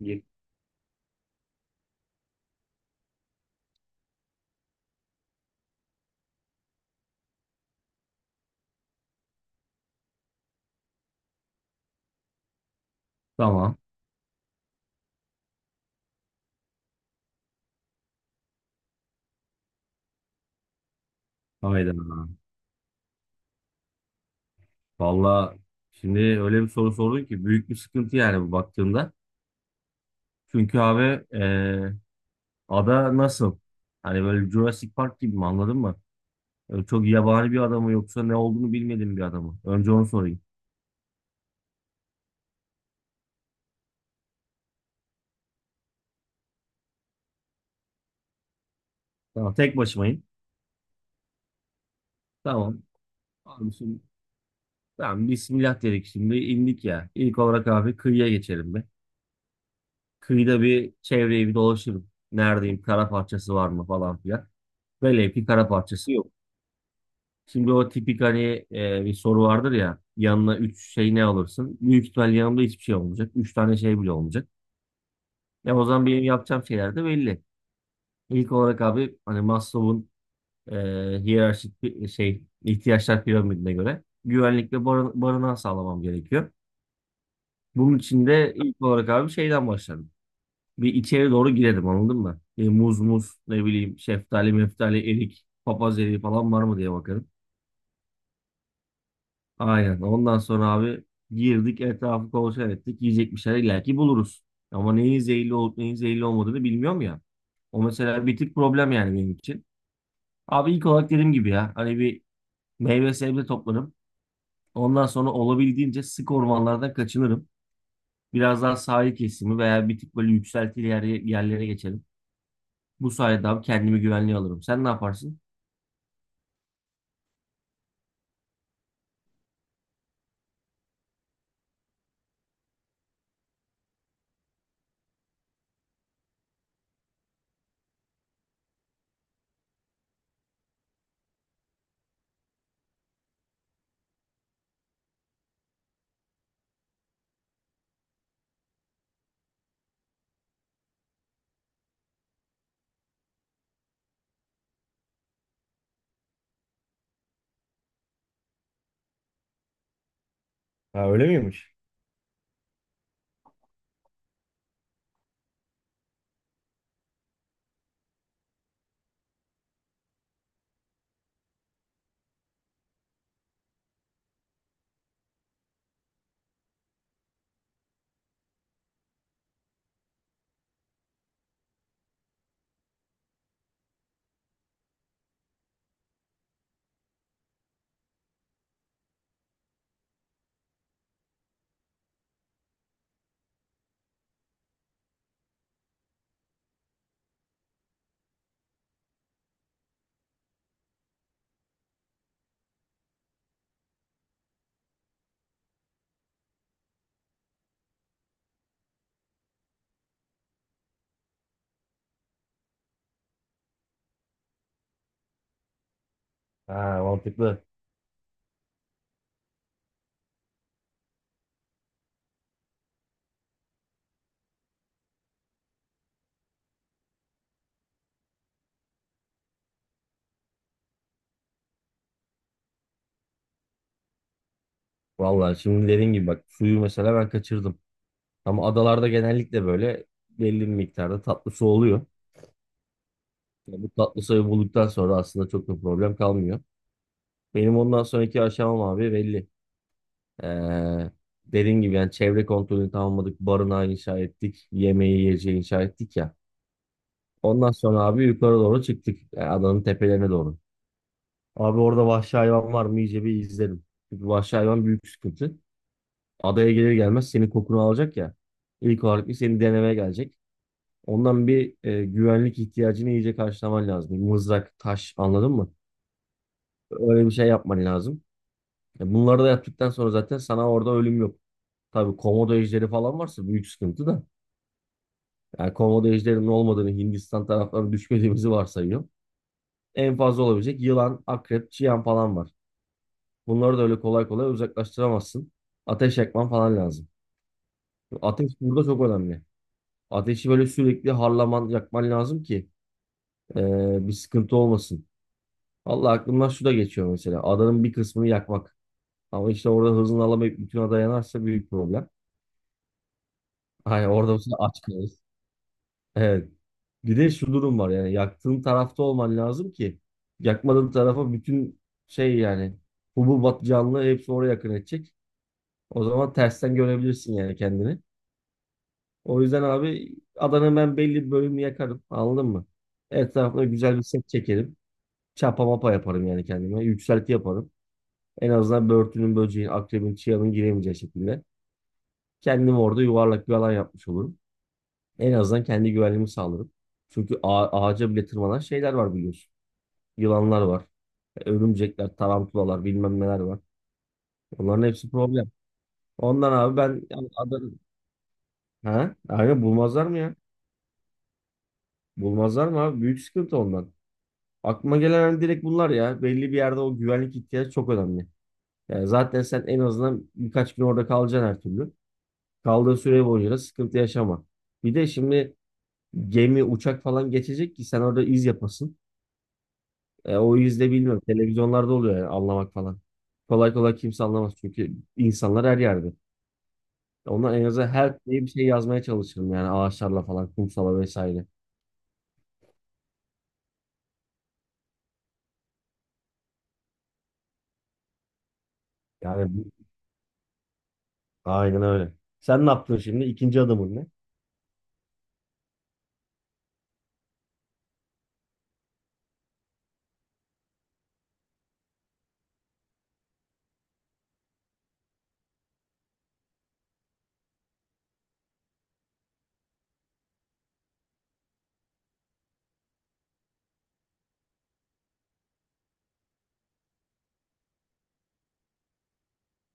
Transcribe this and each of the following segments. Git. Tamam. Hayda. Valla şimdi öyle bir soru sordun ki büyük bir sıkıntı yani bu baktığında. Çünkü abi e, ada nasıl? Hani böyle Jurassic Park gibi mi anladın mı? Öyle çok yabani bir adamı yoksa ne olduğunu bilmediğim bir adamı. Önce onu sorayım. Tamam tek başımayım. Tamam. Abi şimdi tamam Bismillah dedik şimdi indik ya. İlk olarak abi kıyıya geçelim be. Kıyıda bir çevreyi bir dolaşırım. Neredeyim? Kara parçası var mı falan filan. Velev ki kara parçası yok. Şimdi o tipik hani bir soru vardır ya yanına 3 şey ne alırsın? Büyük ihtimal yanımda hiçbir şey olmayacak. Üç tane şey bile olmayacak. Ya o zaman benim yapacağım şeyler de belli. İlk olarak abi hani Maslow'un e, hiyerarşik bir şey ihtiyaçlar piramidine göre güvenlikle barınağı sağlamam gerekiyor. Bunun için de ilk olarak abi şeyden başladım. Bir içeri doğru girelim anladın mı? E, muz ne bileyim şeftali meftali erik papaz eriği falan var mı diye bakarım. Aynen. Ondan sonra abi girdik etrafı kontrol ettik. Yiyecek bir şeyler illaki buluruz. Ama neyin zehirli olup neyin zehirli olmadığını bilmiyorum ya. O mesela bir tık problem yani benim için. Abi ilk olarak dediğim gibi ya hani bir meyve sebze toplarım. Ondan sonra olabildiğince sık ormanlardan kaçınırım. Biraz daha sahil kesimi veya bir tık böyle yükseltili yerlere geçerim. Bu sayede abi kendimi güvenliğe alırım. Sen ne yaparsın? Ha öyle miymiş? Ha, mantıklı. Vallahi şimdi dediğin gibi bak suyu mesela ben kaçırdım. Ama adalarda genellikle böyle belli bir miktarda tatlı su oluyor. Yani bu tatlı suyu bulduktan sonra aslında çok da problem kalmıyor. Benim ondan sonraki aşamam abi belli. Ee, Dediğim gibi yani çevre kontrolünü tamamladık. Barınağı inşa ettik. Yemeği yiyeceği inşa ettik ya. Ondan sonra abi yukarı doğru çıktık. Yani adanın tepelerine doğru. Abi orada vahşi hayvan var mı iyice bir izledim. Çünkü vahşi hayvan büyük sıkıntı. Adaya gelir gelmez senin kokunu alacak ya. İlk olarak bir seni denemeye gelecek. Ondan bir güvenlik ihtiyacını iyice karşılaman lazım. Mızrak, taş anladın mı? Öyle bir şey yapman lazım. E, bunları da yaptıktan sonra zaten sana orada ölüm yok. Tabii komodo ejderi falan varsa büyük sıkıntı da. Yani komodo ejderinin olmadığını Hindistan taraflarına düşmediğimizi varsayıyor. En fazla olabilecek yılan, akrep, çiyan falan var. Bunları da öyle kolay kolay uzaklaştıramazsın. Ateş yakman falan lazım. Ateş burada çok önemli. Ateşi böyle sürekli harlaman, yakman lazım ki bir sıkıntı olmasın. Vallahi aklımdan şu da geçiyor mesela. Adanın bir kısmını yakmak. Ama işte orada hızını alamayıp bütün ada yanarsa büyük problem. Hani orada mesela aç kalırız. Evet. Bir de şu durum var yani yaktığın tarafta olman lazım ki yakmadığın tarafa bütün şey yani hububat canlı hepsi oraya yakın edecek. O zaman tersten görebilirsin yani kendini. O yüzden abi adanın ben belli bir bölümünü yakarım anladın mı? Etrafına güzel bir set çekerim. Çapa mapa yaparım yani kendime. Yükselti yaparım. En azından börtünün, böceğin, akrebin, çıyanın giremeyeceği şekilde. Kendim orada yuvarlak bir alan yapmış olurum. En azından kendi güvenliğimi sağlarım. Çünkü ağaca bile tırmanan şeyler var biliyorsun. Yılanlar var, örümcekler, tarantulalar, bilmem neler var. Onların hepsi problem. Ondan abi ben yani Adana... Ha? Aynen bulmazlar mı ya? Bulmazlar mı abi? Büyük sıkıntı ondan. Aklıma gelen hani direkt bunlar ya. Belli bir yerde o güvenlik ihtiyacı çok önemli. Yani zaten sen en azından birkaç gün orada kalacaksın her türlü. Kaldığı süre boyunca da sıkıntı yaşama. Bir de şimdi gemi, uçak falan geçecek ki sen orada iz yapasın. E, o iz de bilmiyorum. Televizyonlarda oluyor yani anlamak falan. Kolay kolay kimse anlamaz çünkü insanlar her yerde. Onlar en azından her diye bir şey yazmaya çalışırım yani ağaçlarla falan, kumsala vesaire. Yani aynen öyle. Sen ne yaptın şimdi? İkinci adımın ne?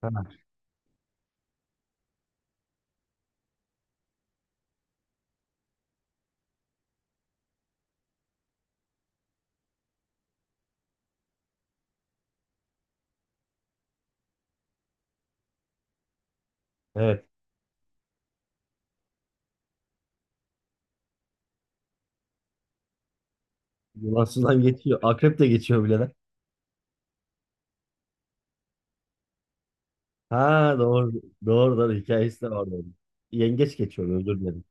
Ha, evet. Yılan sudan geçiyor. Akrep de geçiyor bile lan. Ha doğru. Doğru doğru. Hikayesi de var. Doğru. Yengeç geçiyor özür dilerim.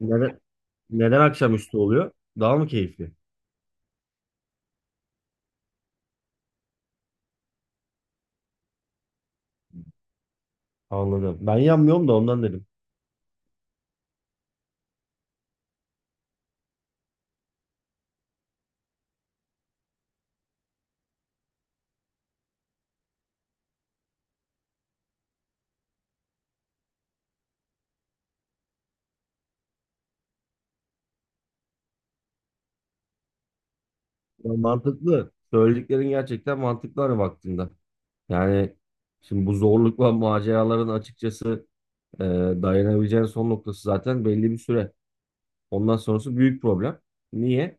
Neden, neden akşamüstü oluyor? Daha mı keyifli? Anladım. Ben yanmıyorum da ondan dedim. Ya mantıklı. Söylediklerin gerçekten mantıklı hani baktığında. Yani şimdi bu zorlukla maceraların açıkçası e, dayanabileceğin son noktası zaten belli bir süre. Ondan sonrası büyük problem. Niye?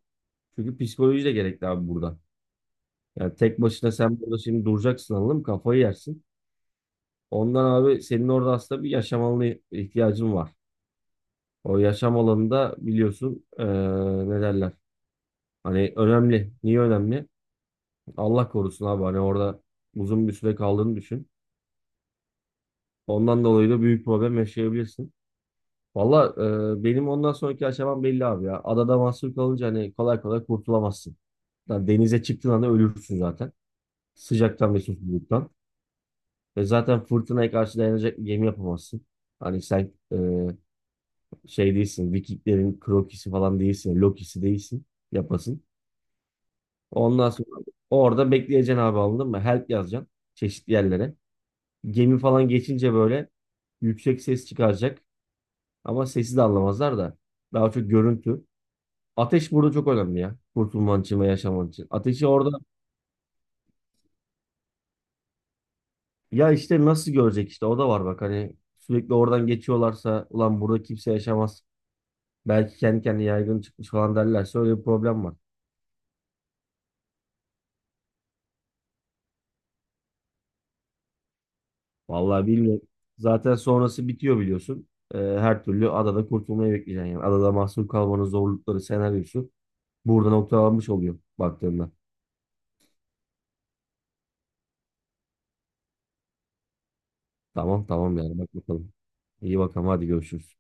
Çünkü psikoloji de gerekli abi burada. Yani tek başına sen burada şimdi duracaksın anladın mı? Kafayı yersin. Ondan abi senin orada aslında bir yaşam alanı ihtiyacın var. O yaşam alanında biliyorsun ne derler? Hani önemli. Niye önemli? Allah korusun abi. Hani orada uzun bir süre kaldığını düşün. Ondan dolayı da büyük problem yaşayabilirsin. Valla benim ondan sonraki aşamam belli abi ya. Adada mahsur kalınca hani kolay kolay kurtulamazsın. Yani denize çıktığın anda ölürsün zaten. Sıcaktan ve susuzluktan. Ve zaten fırtınaya karşı dayanacak bir gemi yapamazsın. Hani sen şey değilsin. Vikinglerin Kroki'si falan değilsin. Loki'si değilsin. Yapasın. Ondan sonra orada bekleyeceksin abi anladın mı? Help yazacaksın çeşitli yerlere. Gemi falan geçince böyle yüksek ses çıkaracak. Ama sesi de anlamazlar da. Daha çok görüntü. Ateş burada çok önemli ya. Kurtulman için ve yaşaman için. Ateşi orada ya işte nasıl görecek işte o da var bak hani sürekli oradan geçiyorlarsa ulan burada kimse yaşamaz. Belki kendi kendine yaygın çıkmış falan derlerse öyle bir problem var. Vallahi bilmiyorum. Zaten sonrası bitiyor biliyorsun. Her türlü adada kurtulmayı bekleyeceksin yani. Adada mahsur kalmanın zorlukları senaryosu burada noktalanmış oluyor baktığında. Tamam tamam yani bak bakalım. İyi bakalım hadi görüşürüz.